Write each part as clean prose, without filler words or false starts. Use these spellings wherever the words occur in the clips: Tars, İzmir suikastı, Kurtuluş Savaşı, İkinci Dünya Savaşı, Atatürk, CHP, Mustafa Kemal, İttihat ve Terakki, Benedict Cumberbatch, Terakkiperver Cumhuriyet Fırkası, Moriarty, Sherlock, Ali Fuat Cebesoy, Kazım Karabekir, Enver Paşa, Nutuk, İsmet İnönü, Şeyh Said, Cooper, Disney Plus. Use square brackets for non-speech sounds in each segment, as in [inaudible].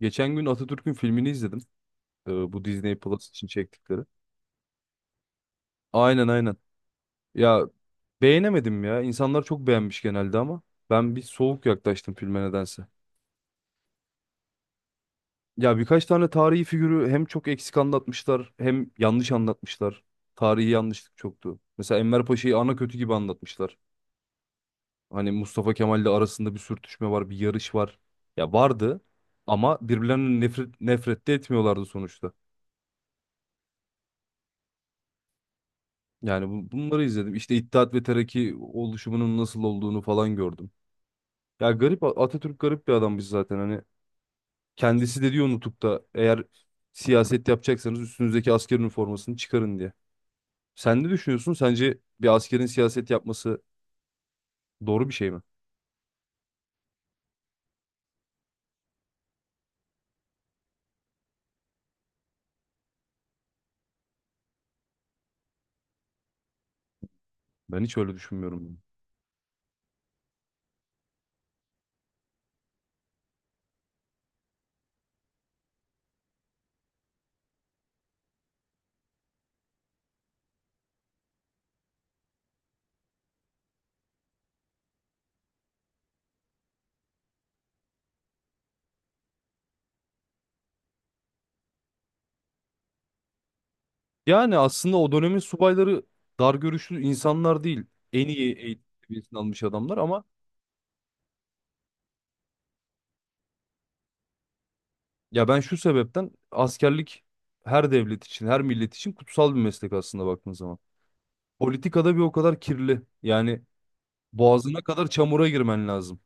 Geçen gün Atatürk'ün filmini izledim. Bu Disney Plus için çektikleri. Aynen aynen. Ya beğenemedim ya. İnsanlar çok beğenmiş genelde ama ben bir soğuk yaklaştım filme nedense. Ya birkaç tane tarihi figürü hem çok eksik anlatmışlar hem yanlış anlatmışlar. Tarihi yanlışlık çoktu. Mesela Enver Paşa'yı ana kötü gibi anlatmışlar. Hani Mustafa Kemal'le arasında bir sürtüşme var, bir yarış var. Ya vardı ama birbirlerinden nefret de etmiyorlardı sonuçta. Yani bunları izledim. İşte İttihat ve Terakki oluşumunun nasıl olduğunu falan gördüm. Ya garip Atatürk garip bir adammış zaten hani kendisi de diyor nutukta eğer siyaset yapacaksanız üstünüzdeki asker üniformasını çıkarın diye. Sen ne düşünüyorsun? Sence bir askerin siyaset yapması doğru bir şey mi? Ben hiç öyle düşünmüyorum. Yani aslında o dönemin subayları dar görüşlü insanlar değil. En iyi eğitim seviyesini almış adamlar ama ya ben şu sebepten askerlik her devlet için, her millet için kutsal bir meslek aslında baktığın zaman. Politikada bir o kadar kirli. Yani boğazına kadar çamura girmen lazım.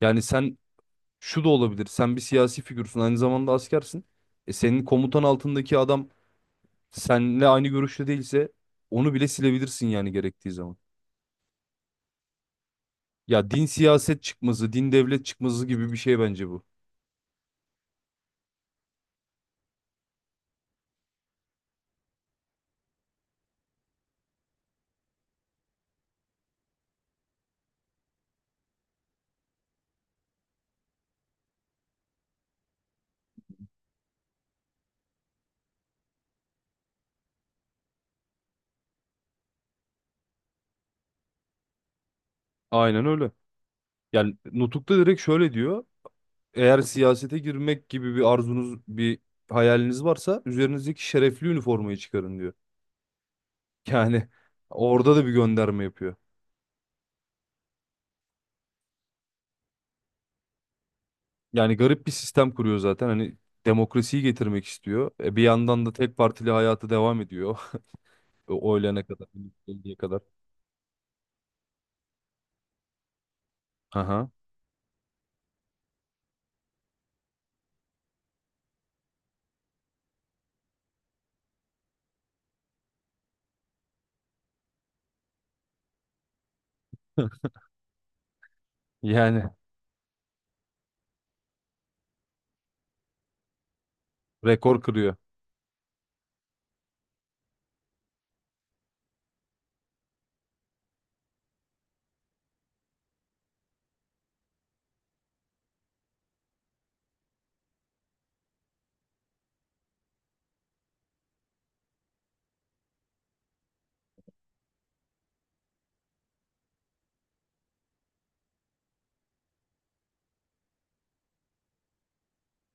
Yani sen şu da olabilir. Sen bir siyasi figürsün. Aynı zamanda askersin. E senin komutan altındaki adam seninle aynı görüşte değilse onu bile silebilirsin yani gerektiği zaman. Ya din siyaset çıkmazı, din devlet çıkmazı gibi bir şey bence bu. Aynen öyle. Yani Nutuk'ta direkt şöyle diyor. Eğer siyasete girmek gibi bir arzunuz, bir hayaliniz varsa üzerinizdeki şerefli üniformayı çıkarın diyor. Yani orada da bir gönderme yapıyor. Yani garip bir sistem kuruyor zaten. Hani demokrasiyi getirmek istiyor. Bir yandan da tek partili hayatı devam ediyor. [laughs] O oylayana kadar, 50'ye kadar. Aha. [laughs] Yani rekor kırıyor.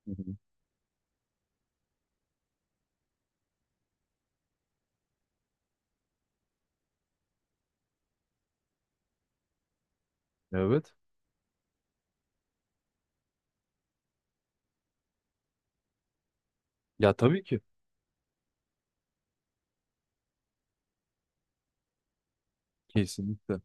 Hı hı. Evet. Ya tabii ki. Kesinlikle.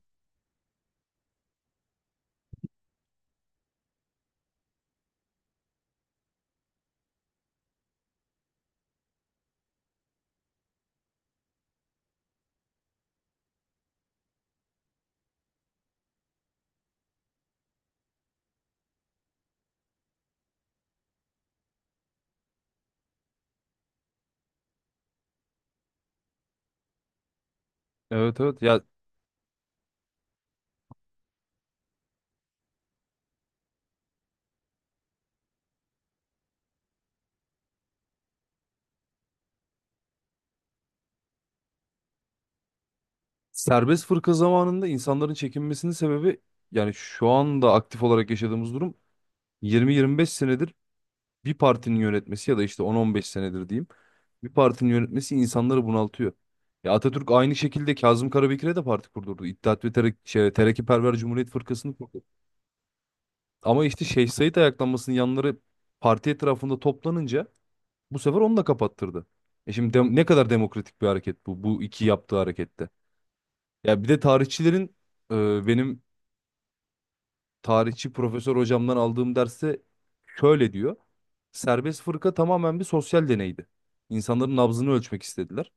Evet evet. Ya serbest fırka zamanında insanların çekinmesinin sebebi yani şu anda aktif olarak yaşadığımız durum 20-25 senedir bir partinin yönetmesi ya da işte 10-15 senedir diyeyim. Bir partinin yönetmesi insanları bunaltıyor. Ya Atatürk aynı şekilde Kazım Karabekir'e de parti kurdurdu. İttihat ve Terakkiperver Cumhuriyet Fırkası'nı kurdu. Ama işte Şeyh Said ayaklanmasının yanları parti etrafında toplanınca bu sefer onu da kapattırdı. E şimdi ne kadar demokratik bir hareket bu, bu iki yaptığı harekette. Ya bir de tarihçilerin benim tarihçi profesör hocamdan aldığım derste şöyle diyor. Serbest fırka tamamen bir sosyal deneydi. İnsanların nabzını ölçmek istediler.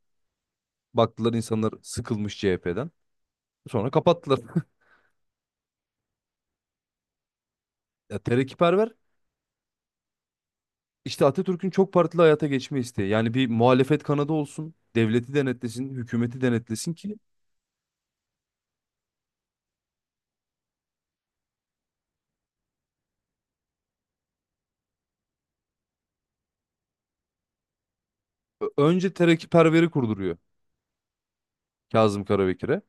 Baktılar insanlar sıkılmış CHP'den. Sonra kapattılar. [laughs] Ya terakkiperver işte Atatürk'ün çok partili hayata geçme isteği. Yani bir muhalefet kanadı olsun, devleti denetlesin, hükümeti denetlesin ki önce terakkiperveri kurduruyor Kazım Karabekir'e.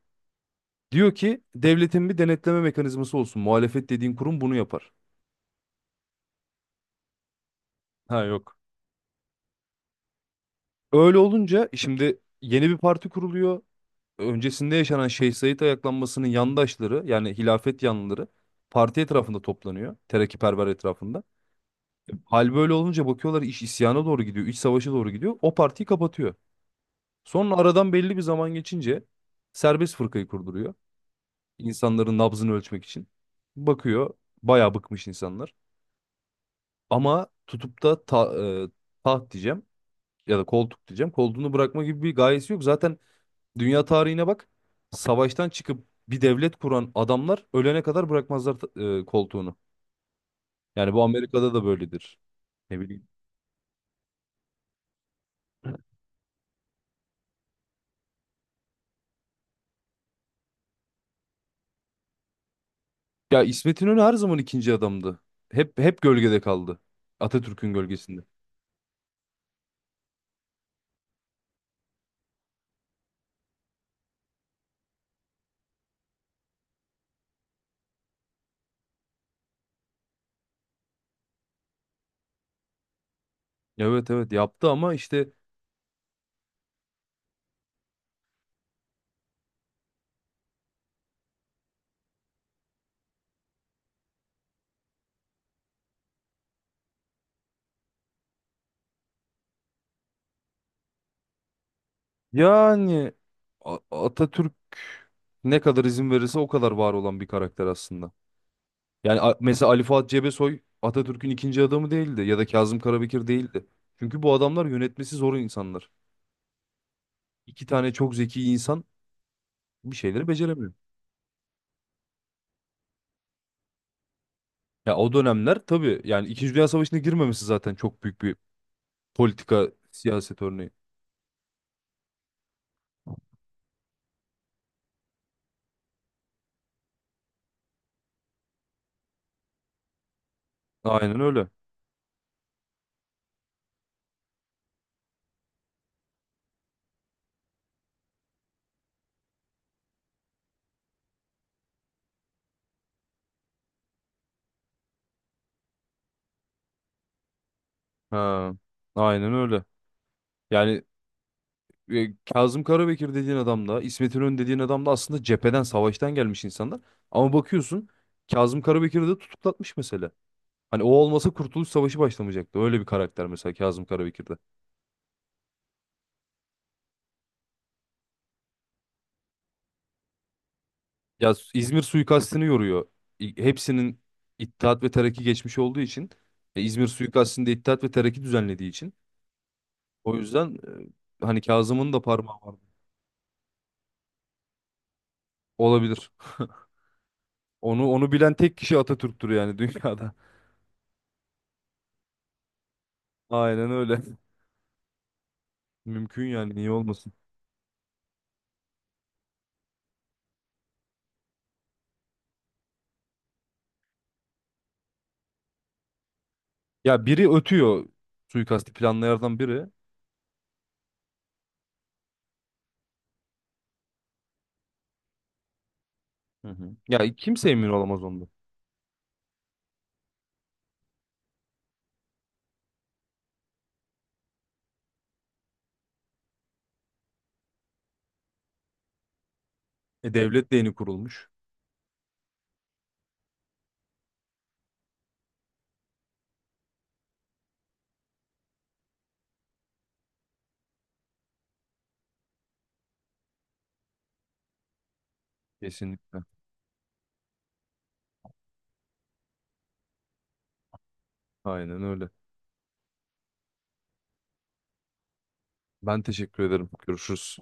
Diyor ki devletin bir denetleme mekanizması olsun. Muhalefet dediğin kurum bunu yapar. Ha yok. Öyle olunca şimdi yeni bir parti kuruluyor. Öncesinde yaşanan Şeyh Said ayaklanmasının yandaşları yani hilafet yanlıları parti etrafında toplanıyor. Terakkiperver etrafında. Hal böyle olunca bakıyorlar iş isyana doğru gidiyor. İç savaşa doğru gidiyor. O partiyi kapatıyor. Sonra aradan belli bir zaman geçince serbest fırkayı kurduruyor. İnsanların nabzını ölçmek için. Bakıyor bayağı bıkmış insanlar. Ama tutup da e, taht diyeceğim ya da koltuk diyeceğim. Koltuğunu bırakma gibi bir gayesi yok. Zaten dünya tarihine bak. Savaştan çıkıp bir devlet kuran adamlar ölene kadar bırakmazlar koltuğunu. Yani bu Amerika'da da böyledir. Ne bileyim. Ya İsmet İnönü her zaman ikinci adamdı. Hep gölgede kaldı. Atatürk'ün gölgesinde. Evet evet yaptı ama işte yani A- Atatürk ne kadar izin verirse o kadar var olan bir karakter aslında. Yani mesela Ali Fuat Cebesoy Atatürk'ün ikinci adamı değildi ya da Kazım Karabekir değildi. Çünkü bu adamlar yönetmesi zor insanlar. İki tane çok zeki insan bir şeyleri beceremiyor. Ya o dönemler tabii yani İkinci Dünya Savaşı'na girmemesi zaten çok büyük bir politika siyaset örneği. Aynen öyle. Ha, aynen öyle. Yani Kazım Karabekir dediğin adam da İsmet İnönü dediğin adam da aslında cepheden savaştan gelmiş insanlar. Ama bakıyorsun Kazım Karabekir'i de tutuklatmış mesela. Hani o olmasa Kurtuluş Savaşı başlamayacaktı. Öyle bir karakter mesela Kazım Karabekir de. Ya İzmir suikastını yoruyor. Hepsinin İttihat ve Terakki geçmiş olduğu için İzmir suikastinde İttihat ve Terakki düzenlediği için o yüzden hani Kazım'ın da parmağı var. Olabilir. Onu bilen tek kişi Atatürk'tür yani dünyada. [laughs] Aynen öyle. Mümkün yani niye olmasın. Ya biri ötüyor suikasti planlayanlardan biri. Hı hı. Ya kimse emin olamaz ondan. E devlet de yeni kurulmuş. Kesinlikle. Aynen öyle. Ben teşekkür ederim. Görüşürüz.